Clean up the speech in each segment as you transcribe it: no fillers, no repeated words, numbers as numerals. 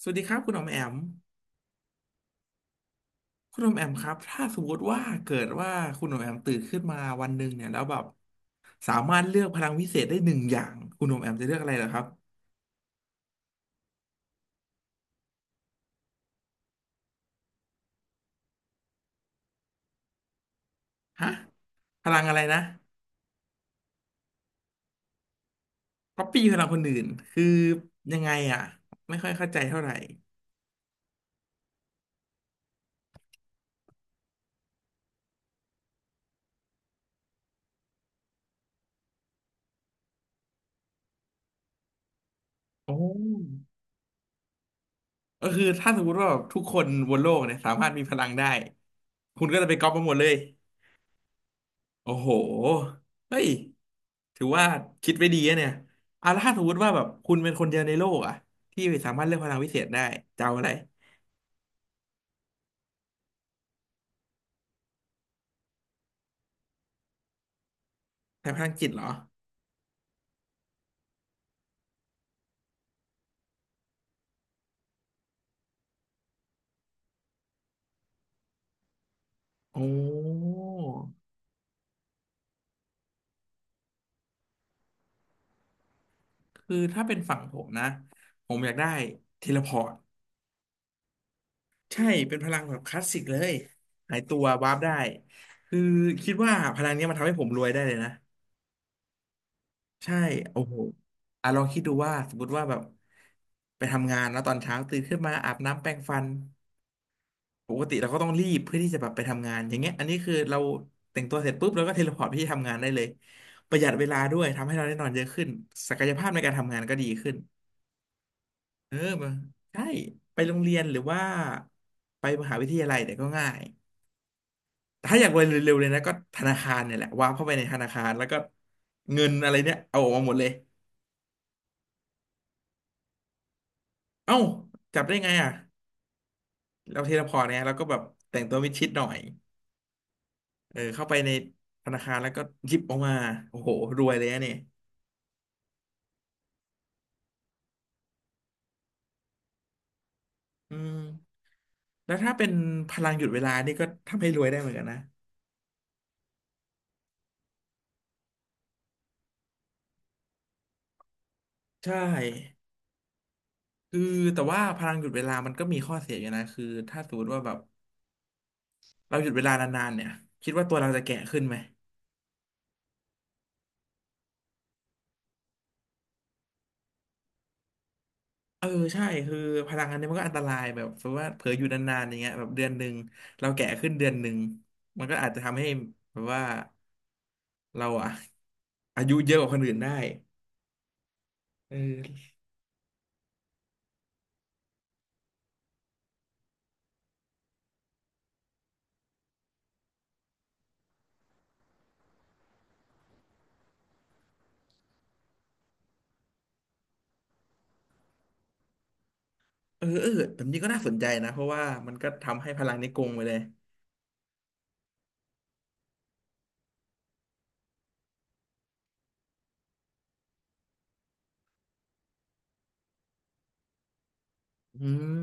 สวัสดีครับคุณอมแอมคุณอมแอมครับถ้าสมมติว่าเกิดว่าคุณอมแอมตื่นขึ้นมาวันหนึ่งเนี่ยแล้วแบบสามารถเลือกพลังวิเศษได้หนึ่งอย่างคุณอมแอมจะเลือกอะไรเหรอครับฮะพลังอะไรนะก๊อปปี้พลังคนอื่นคือยังไงอ่ะไม่ค่อยเข้าใจเท่าไหร่โอ้ก็คือถ้าสมมติว่าแบบทุกคนบนโลกเนี่ยสามารถมีพลังได้คุณก็จะไปก๊อปมาหมดเลย โอ้โหเฮ้ยถือว่าคิดไว้ดีอะเนี่ยอาแล้วถ้าสมมติว่าแบบคุณเป็นคนเดียวในโลกอะที่สามารถเลือกพลังวิเศษได้จะเอาอะไรใช้พลังจิตเหรอ โอ้ คือถ้าเป็นฝั่งผมนะ ผมอยากได้เทเลพอร์ตใช่ เป็นพลังแบบคลาสสิกเลยหายตัววาร์ปได้ คือคิดว่าพลังเนี้ยมันทำให้ผมรวยได้เลยนะ ใช่โอ้โหอ่ะลองคิดดูว่าสมมติว่าแบบไปทำงานแล้วตอนเช้าตื่นขึ้นมาอาบน้ำแปรงฟัน ปกติเราก็ต้องรีบเพื่อที่จะแบบไปทำงานอย่างเงี้ยอันนี้คือเราแต่งตัวเสร็จปุ๊บเราก็เทเลพอร์ตไปที่ทำงานได้เลยประหยัดเวลาด้วยทำให้เราได้นอนเยอะขึ้นศักยภาพในการทำงานก็ดีขึ้นเออมาใช่ไปโรงเรียนหรือว่าไปมหาวิทยาลัยเนี่ยก็ง่ายแต่ถ้าอยากรวยเร็วๆเลยนะก็ธนาคารเนี่ยแหละวางเข้าไปในธนาคารแล้วก็เงินอะไรเนี่ยเอาออกมาหมดเลยเอ้าจับได้ไงอ่ะเราเทเลพอร์ตเนี่ยเราก็แบบแต่งตัวมิดชิดหน่อยเออเข้าไปในธนาคารแล้วก็หยิบออกมาโอ้โหรวยเลยอะเนี่ย อืมแล้วถ้าเป็นพลังหยุดเวลานี่ก็ทำให้รวยได้เหมือนกันนะใช่คือแต่ว่าพลังหยุดเวลามันก็มีข้อเสียอยู่นะคือถ้าสมมติว่าแบบเราหยุดเวลานานๆเนี่ยคิดว่าตัวเราจะแก่ขึ้นไหมเออใช่คือพลังอันนี้มันก็อันตรายแบบสมมติว่าเผลออยู่นานๆอย่างเงี้ยแบบเดือนหนึ่งเราแก่ขึ้นเดือนหนึ่งมันก็อาจจะทำให้แบบว่าเราอะอายุเยอะกว่าคนอื่นได้เออเออเออแบบนี้ก็น่าสนใจนะเพราะว่ามันก็ทำให้พลังนี้โกงไปเลยอืม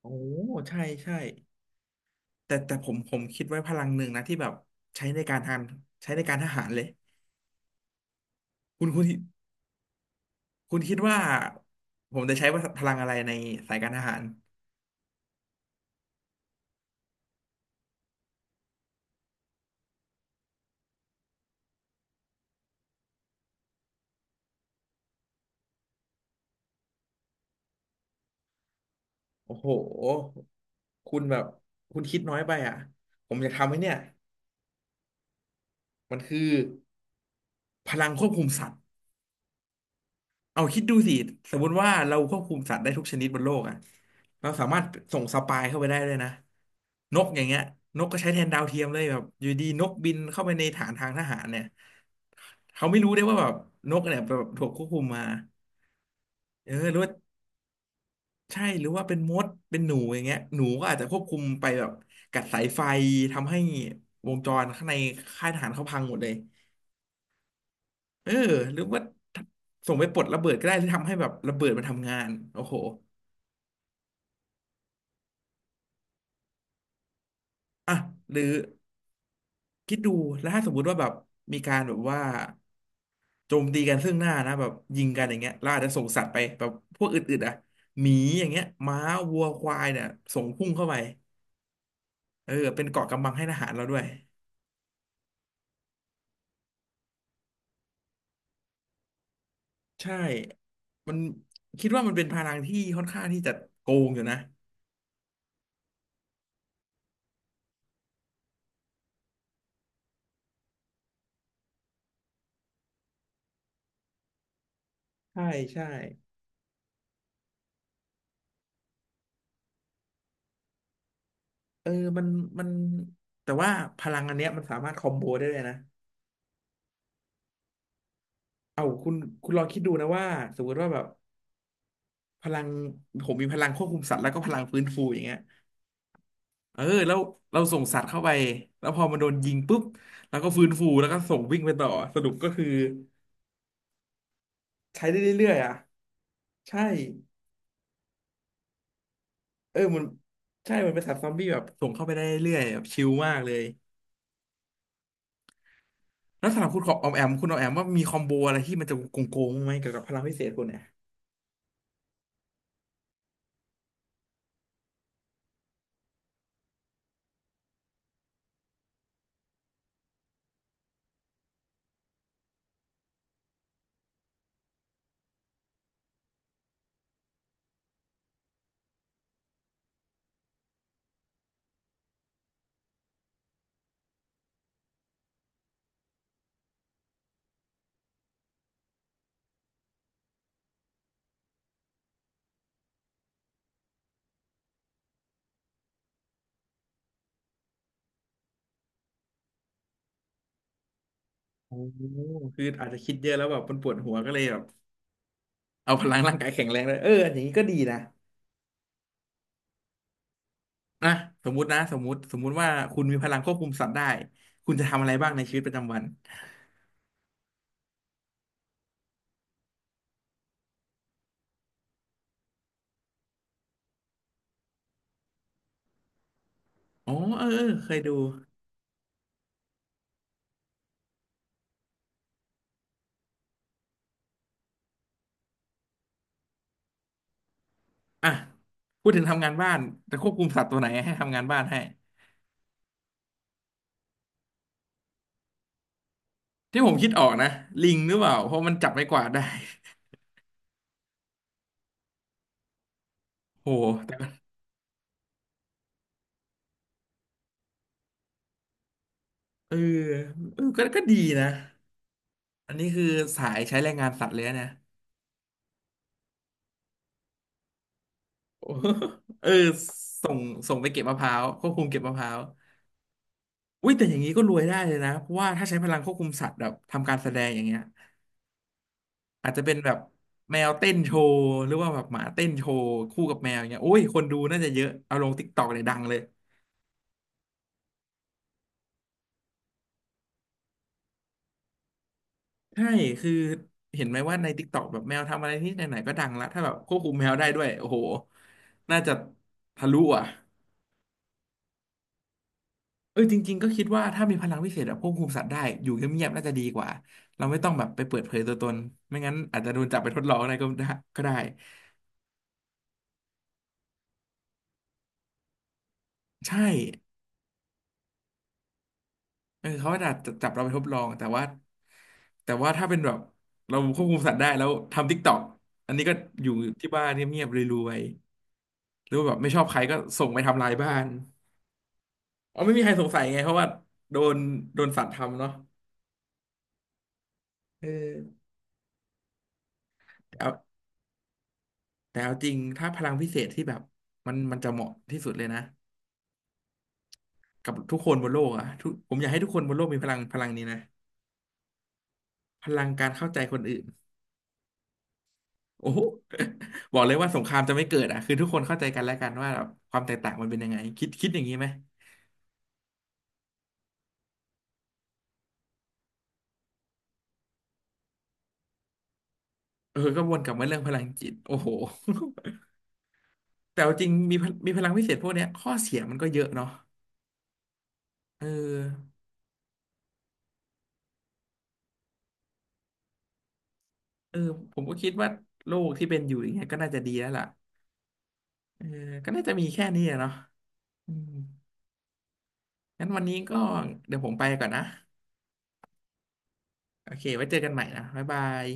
โอ้ใช่ใช่แต่ผมคิดไว้พลังหนึ่งนะที่แบบใช้ในการทานใช้ในการทหารเลยคุณคุณคิดว่าผมจะใช้พลังอะไรในสายการทหารโอ้โหคุณแบบคุณคิดน้อยไปอ่ะผมอยากทำไว้เนี่ยมันคือพลังควบคุมสัตว์ เอาคิดดูสิสมมติว่าเราควบคุมสัตว์ได้ทุกชนิดบนโลกอ่ะเราสามารถส่งสปายเข้าไปได้เลยนะนกอย่างเงี้ยนกก็ใช้แทนดาวเทียมเลยแบบอยู่ดีนกบินเข้าไปในฐานทางทหารเนี่ยเขาไม่รู้ได้ว่าแบบนกเนี่ยแบบถูกควบคุมมาเออหรือว่าใช่หรือว่าเป็นมดเป็นหนูอย่างเงี้ยหนูก็อาจจะควบคุมไปแบบกัดสายไฟทำให้วงจรข้างในค่ายทหารเขาพังหมดเลยเออหรือว่าส่งไปปลดระเบิดก็ได้ที่ทำให้แบบระเบิดมันทำงานโอ้โห อ่ะหรือคิดดูแล้วถ้าสมมุติว่าแบบมีการแบบว่าโจมตีกันซึ่งหน้านะแบบยิงกันอย่างเงี้ยเราอาจจะส่งสัตว์ไปแบบพวกอื่นๆอ่ะหมีอย่างเงี้ยม้าวัวควายเนี่ยส่งพุ่งเข้าไปเออเป็นเกราะกำบังให้ทหารเราด้วยใช่มันคิดว่ามันเป็นพลังที่ค่อนข้างที่จะโกงอยู่นะใช่ใช่เออมันมันแต่ว่าพลังอันเนี้ยมันสามารถคอมโบได้เลยนะเอาคุณลองคิดดูนะว่าสมมติว่าแบบ พลังผมมีพลังควบคุมสัตว์แล้วก็พลังฟื้นฟูอย่างเงี้ยเออแล้วเราส่งสัตว์เข้าไปแล้วพอมันโดนยิงปุ๊บแล้วก็ฟื้นฟูแล้วก็ส่งวิ่งไปต่อสรุปก็คือใช้ได้เรื่อยๆอ่ะใช่เออมันใช่มันเป็นสัตว์ซอมบี้แบบส่งเข้าไปได้เรื่อยๆแบบชิลมากเลยแล้วสำหรับคุณขอออมแอมคุณออมแอมว่ามีคอมโบอะไรที่มันจะโกงโกงบ้างไหมเกี่ยวกับพลังพิเศษคุณเนี่ยโอ้โหคืออาจจะคิดเยอะแล้วแบบมันปวดหัวก็เลยแบบเอาพลังร่างกายแข็งแรงเลยเอออย่างนี้ก็ดีนะ นะสมมุตินะสมมุติว่าคุณมีพลังควบคุมสัตว์ได้คุณจะทำอะไรบ้างในชีวิตประจำวันอ๋อเออเออเคยดูอ่ะพูดถึงทำงานบ้านจะควบคุมสัตว์ตัวไหนให้ทำงานบ้านให้ที่ผมคิดออกนะลิงหรือเปล่าเพราะมันจับไม้กวาดได้ โหแต่ก็เออเออก็ดีนะอันนี้คือสายใช้แรงงานสัตว์เลยนะ เนี่ยโอ้เออส่งไปเก็บมะพร้าวควบคุมเก็บมะพร้าวอุ้ยแต่อย่างนี้ก็รวยได้เลยนะเพราะว่าถ้าใช้พลังควบคุมสัตว์แบบทำการแสดงอย่างเงี้ย อาจจะเป็นแบบแมวเต้นโชว์หรือว่าแบบหมาเต้นโชว์คู่กับแมวอย่างเงี้ยโอ้ยคนดูน่าจะเยอะเอาลงติ๊กตอกเลยดังเลยใช่คือเห็นไหมว่าใน t ิ k กตอกแบบแมวทำอะไรที่ไหนๆก็ดังละถ้าแบบควบคุมแมวได้ด้วยโอ้โหน่าจะทะลุอ่ะเออจริงๆก็คิดว่าถ้ามีพลังพิเศษแบบควบคุมสัตว์ได้อยู่เงียบๆน่าจะดีกว่าเราไม่ต้องแบบไปเปิดเผยตัวตนไม่งั้นอาจจะโดนจับไปทดลองอะไรก็ได้ก็ได้ใช่ เออเขาอาจจะจับเราไปทดลองแต่ว่าถ้าเป็นแบบเราควบคุมสัตว์ได้แล้วทำ t ิ k กต k อกอันนี้ก็อยู่ที่บ้านเงียบๆรวยๆหรือว่าแบบไม่ชอบใครก็ส่งไปทำลายบ้านเอาไม่มีใครสงสัยไงเพราะว่าโดนโดนสัตว์ทำเนาะเออแต่เอาจริงถ้าพลังพิเศษที่แบบมันจะเหมาะที่สุดเลยนะกับทุกคนบนโลกอะทุกผมอยากให้ทุกคนบนโลกมีพลังนี้นะพลังการเข้าใจคนอื่น โอ้โห บอกเลยว่าสงครามจะไม่เกิดอ่ะคือทุกคนเข้าใจกันแล้วกันว่าแบบความแตกต่างมันเป็นยังไงคิดอย่างนี้ไหมเออก็วนกลับมาเรื่องพลังจิตโอ้โห แต่เอาจริงมีมีพลังพิเศษพวกเนี้ยข้อเสียมันก็เยอะเนาะเออเออผมก็คิดว่าโลกที่เป็นอยู่อย่างเงี้ยก็น่าจะดีแล้วล่ะเออก็น่าจะมีแค่นี้อะเนาะอืมงั้นวันนี้ก็เดี๋ยวผมไปก่อนนะโอเคไว้เจอกันใหม่นะบ๊ายบาย